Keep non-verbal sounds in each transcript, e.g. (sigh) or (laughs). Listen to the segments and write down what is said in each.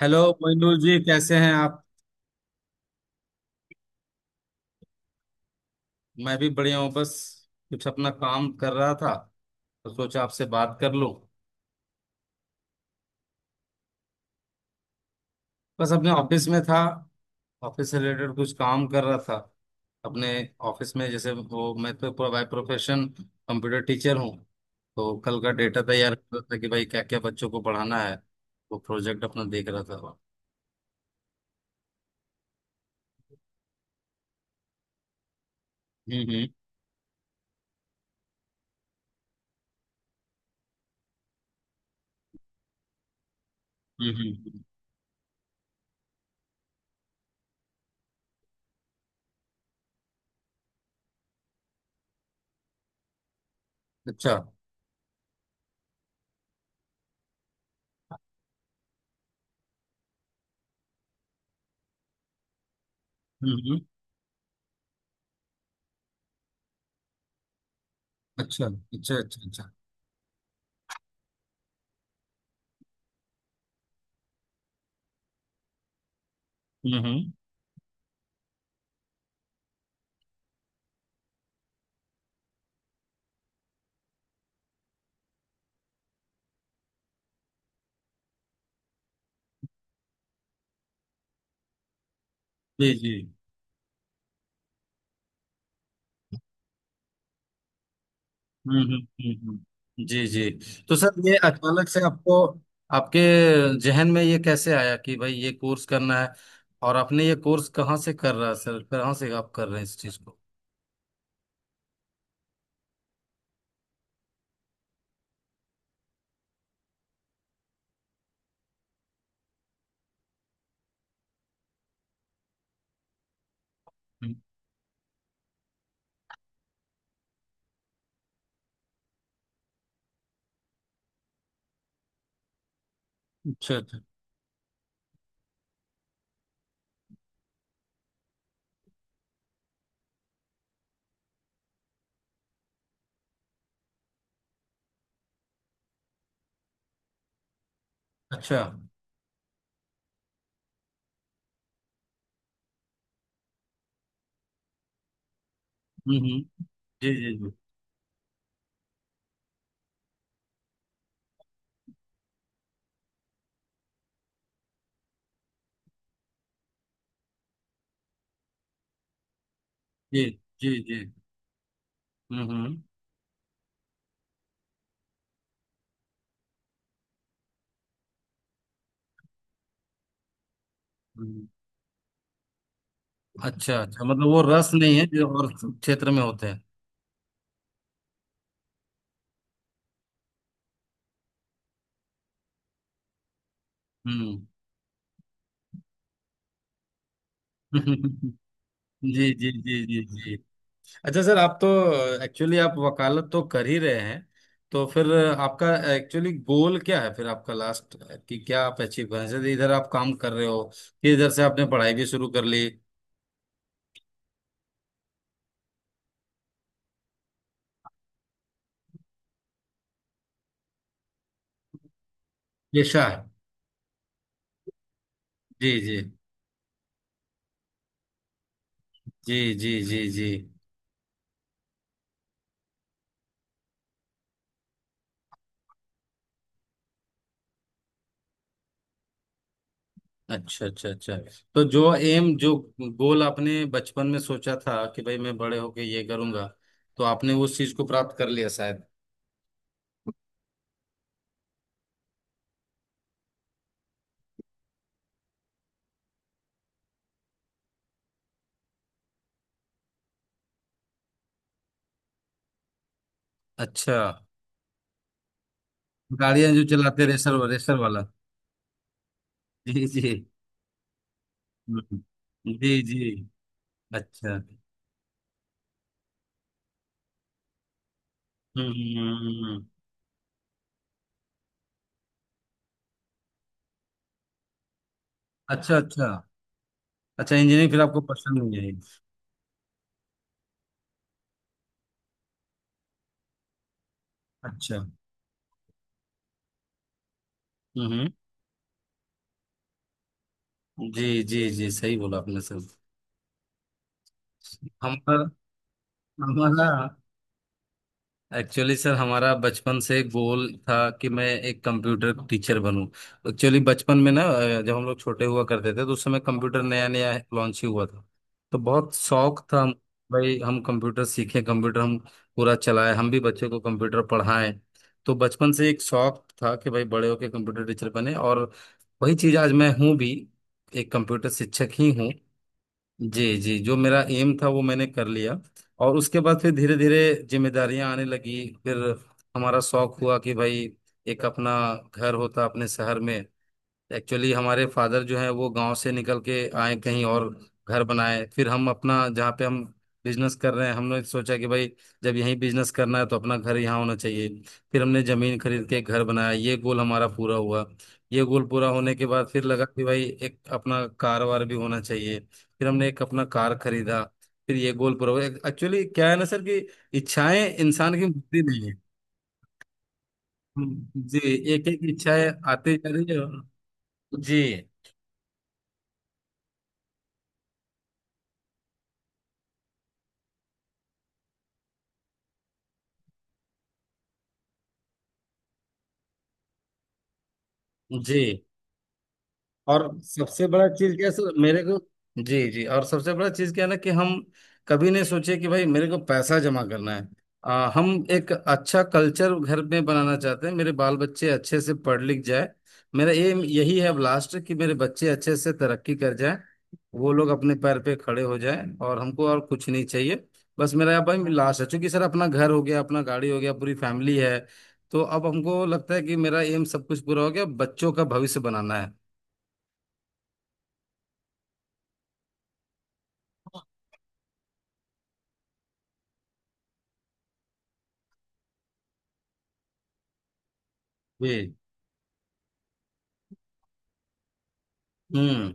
Hello Moinul ji, कैसे हैं आप। मैं भी बढ़िया हूँ, बस कुछ अपना काम कर रहा था तो सोचा आपसे बात कर लूँ। बस अपने ऑफिस में था, ऑफिस से रिलेटेड कुछ काम कर रहा था अपने ऑफिस में। जैसे वो मैं तो पूरा बाय प्रोफेशन कंप्यूटर टीचर हूँ, तो कल का डेटा तैयार कर रहा था कि भाई क्या क्या बच्चों को पढ़ाना है। वो प्रोजेक्ट अपना देख रहा था। हम्म हम्म। अच्छा। हम्म हम्म, अच्छा अच्छा अच्छा अच्छा। हम्म। जी जी। हम्म हम्म जी जी। तो सर ये अचानक से आपको, आपके जहन में ये कैसे आया कि भाई ये कोर्स करना है? और आपने ये कोर्स कहाँ से, कर रहा है सर, कहाँ से आप कर रहे हैं इस चीज को? हम्म, अच्छा अच्छा अच्छा। हम्म। जी जी जी। जी जी जी। हम्म। हम्म। अच्छा अच्छा, मतलब वो रस नहीं है जो और क्षेत्र में होते हैं। हम्म। (laughs) जी। जी जी जी जी। अच्छा सर, आप तो एक्चुअली आप वकालत तो कर ही रहे हैं, तो फिर आपका एक्चुअली गोल क्या है फिर आपका लास्ट? कि क्या आप अचीव करना चाहते हैं? इधर आप काम कर रहे हो कि इधर से आपने पढ़ाई भी शुरू कर ली। पेशा है। जी जी जी जी। जी जी। अच्छा अच्छा अच्छा। तो जो एम, जो गोल आपने बचपन में सोचा था कि भाई मैं बड़े होके ये करूंगा, तो आपने उस चीज को प्राप्त कर लिया शायद। अच्छा। गाड़ियां जो चलाते, रेसर, रेसर वाला। जी जी। हम्म। जी जी। अच्छा हम्म। हम्म, हम्म, हम्म। अच्छा अच्छा। अच्छा इंजीनियरिंग फिर आपको पसंद नहीं आई। अच्छा। हम्म हम्म। जी जी जी, सही बोला आपने सर। हमारा, हमारा एक्चुअली सर हमारा बचपन से गोल था कि मैं एक कंप्यूटर टीचर बनूं। एक्चुअली बचपन में ना जब हम लोग छोटे हुआ करते थे तो उस समय कंप्यूटर नया नया लॉन्च ही हुआ था। तो बहुत शौक था हम, भाई हम कंप्यूटर सीखें, कंप्यूटर हम पूरा चलाएं, हम भी बच्चों को कंप्यूटर पढ़ाएं। तो बचपन से एक शौक था कि भाई बड़े होके कंप्यूटर टीचर बने, और वही चीज आज मैं हूँ भी, एक कंप्यूटर शिक्षक ही हूँ। जी जी, जो मेरा एम था वो मैंने कर लिया। और उसके बाद फिर धीरे धीरे जिम्मेदारियां आने लगी। फिर हमारा शौक हुआ कि भाई एक अपना घर होता अपने शहर में। एक्चुअली हमारे फादर जो हैं वो गांव से निकल के आए कहीं और, घर बनाए। फिर हम अपना, जहाँ पे हम बिजनेस कर रहे हैं, हमने सोचा कि भाई जब यहीं बिजनेस करना है तो अपना घर यहाँ होना चाहिए। फिर हमने जमीन खरीद के घर बनाया, ये गोल हमारा पूरा हुआ। ये गोल पूरा होने के बाद फिर लगा कि भाई एक अपना कार वार भी होना चाहिए, फिर हमने एक अपना कार खरीदा। फिर ये गोल पूरा हुआ। एक्चुअली क्या है ना सर कि इच्छाएं इंसान की मुक्ति नहीं है। जी। एक एक इच्छाएं आती जा रही है। जी जी। और सबसे बड़ा चीज क्या है, सर मेरे को, जी जी, और सबसे बड़ा चीज क्या है ना कि हम कभी नहीं सोचे कि भाई मेरे को पैसा जमा करना है। हम एक अच्छा कल्चर घर में बनाना चाहते हैं, मेरे बाल बच्चे अच्छे से पढ़ लिख जाए। मेरा एम यही है अब लास्ट, कि मेरे बच्चे अच्छे से तरक्की कर जाए, वो लोग अपने पैर पे खड़े हो जाए, और हमको और कुछ नहीं चाहिए। बस मेरा अब भाई लास्ट है, चूंकि सर अपना घर हो गया, अपना गाड़ी हो गया, पूरी फैमिली है, तो अब हमको लगता है कि मेरा एम सब कुछ पूरा हो गया, बच्चों का भविष्य बनाना है। जी। हम्म।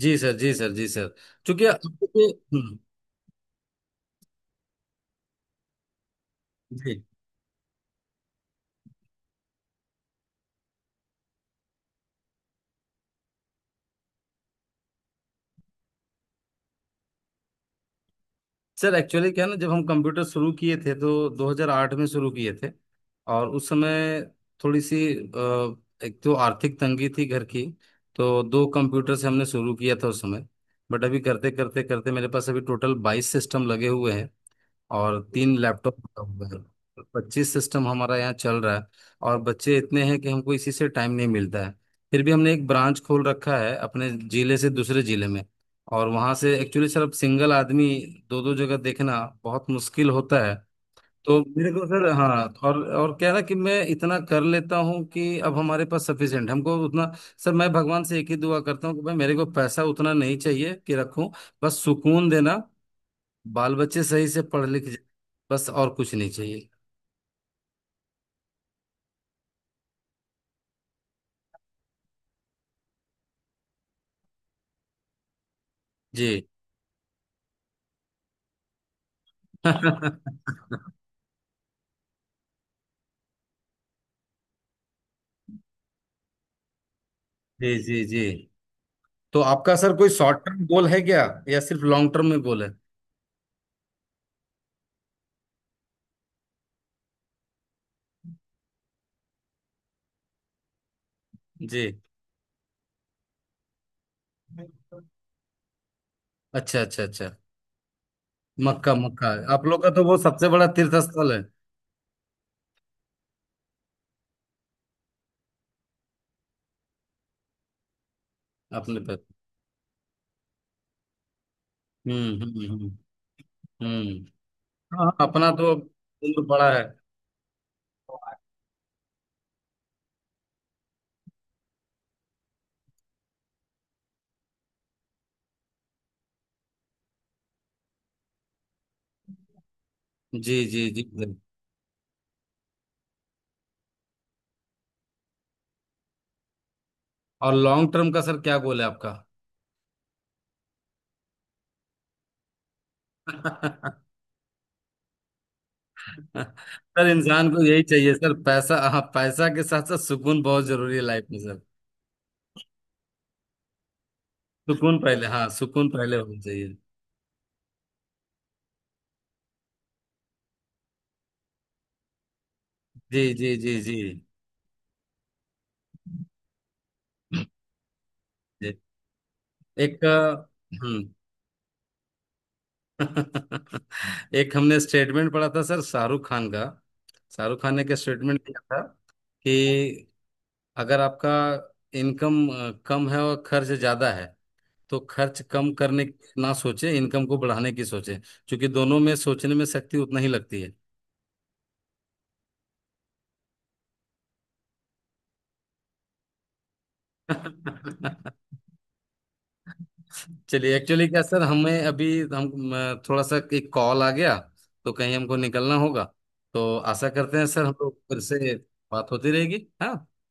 जी सर, जी सर, जी सर। क्योंकि आपके जी सर। एक्चुअली क्या है ना, जब हम कंप्यूटर शुरू किए थे तो 2008 में शुरू किए थे। और उस समय थोड़ी सी एक तो आर्थिक तंगी थी घर की, तो दो कंप्यूटर से हमने शुरू किया था उस समय। बट अभी करते करते करते मेरे पास अभी टोटल बाईस सिस्टम लगे हुए हैं, और तीन लैपटॉप लगा हुआ है, पच्चीस सिस्टम हमारा यहाँ चल रहा है। और बच्चे इतने हैं कि हमको इसी से टाइम नहीं मिलता है। फिर भी हमने एक ब्रांच खोल रखा है अपने जिले से दूसरे जिले में, और वहाँ से एक्चुअली सर अब सिंगल आदमी दो दो जगह देखना बहुत मुश्किल होता है। तो मेरे को सर, हाँ, और क्या है ना कि मैं इतना कर लेता हूँ कि अब हमारे पास सफिशिएंट, हमको उतना, सर मैं भगवान से एक ही दुआ करता हूँ कि भाई मेरे को पैसा उतना नहीं चाहिए कि रखूं, बस सुकून देना, बाल बच्चे सही से पढ़ लिख जाए, बस और कुछ नहीं चाहिए। जी। (laughs) जी जी जी। तो आपका सर कोई शॉर्ट टर्म गोल है क्या, या सिर्फ लॉन्ग टर्म में गोल है? जी। अच्छा अच्छा अच्छा। मक्का, मक्का। आप लोग का तो वो सबसे बड़ा तीर्थ स्थल है। अपने पे। हम्म। हम्म। हाँ हाँ, अपना तो उम्र बड़ा है। जी जी जी सर। और लॉन्ग टर्म का सर क्या गोल है आपका? (laughs) सर इंसान को यही चाहिए सर पैसा, हाँ पैसा के साथ साथ सुकून बहुत जरूरी है लाइफ में सर। सुकून पहले, हाँ सुकून पहले होना चाहिए। जी जी जी जी जी। एक हम्म। (laughs) एक हमने स्टेटमेंट पढ़ा था सर शाहरुख खान का, शाहरुख खान ने क्या स्टेटमेंट दिया था कि अगर आपका इनकम कम है और खर्च ज्यादा है, तो खर्च कम करने की ना सोचे, इनकम को बढ़ाने की सोचे, क्योंकि दोनों में सोचने में शक्ति उतना ही लगती है। (laughs) चलिए एक्चुअली क्या सर, हमें अभी, हम थोड़ा सा एक कॉल आ गया, तो कहीं हमको निकलना होगा। तो आशा करते हैं सर हम लोग फिर से, बात होती रहेगी, हाँ।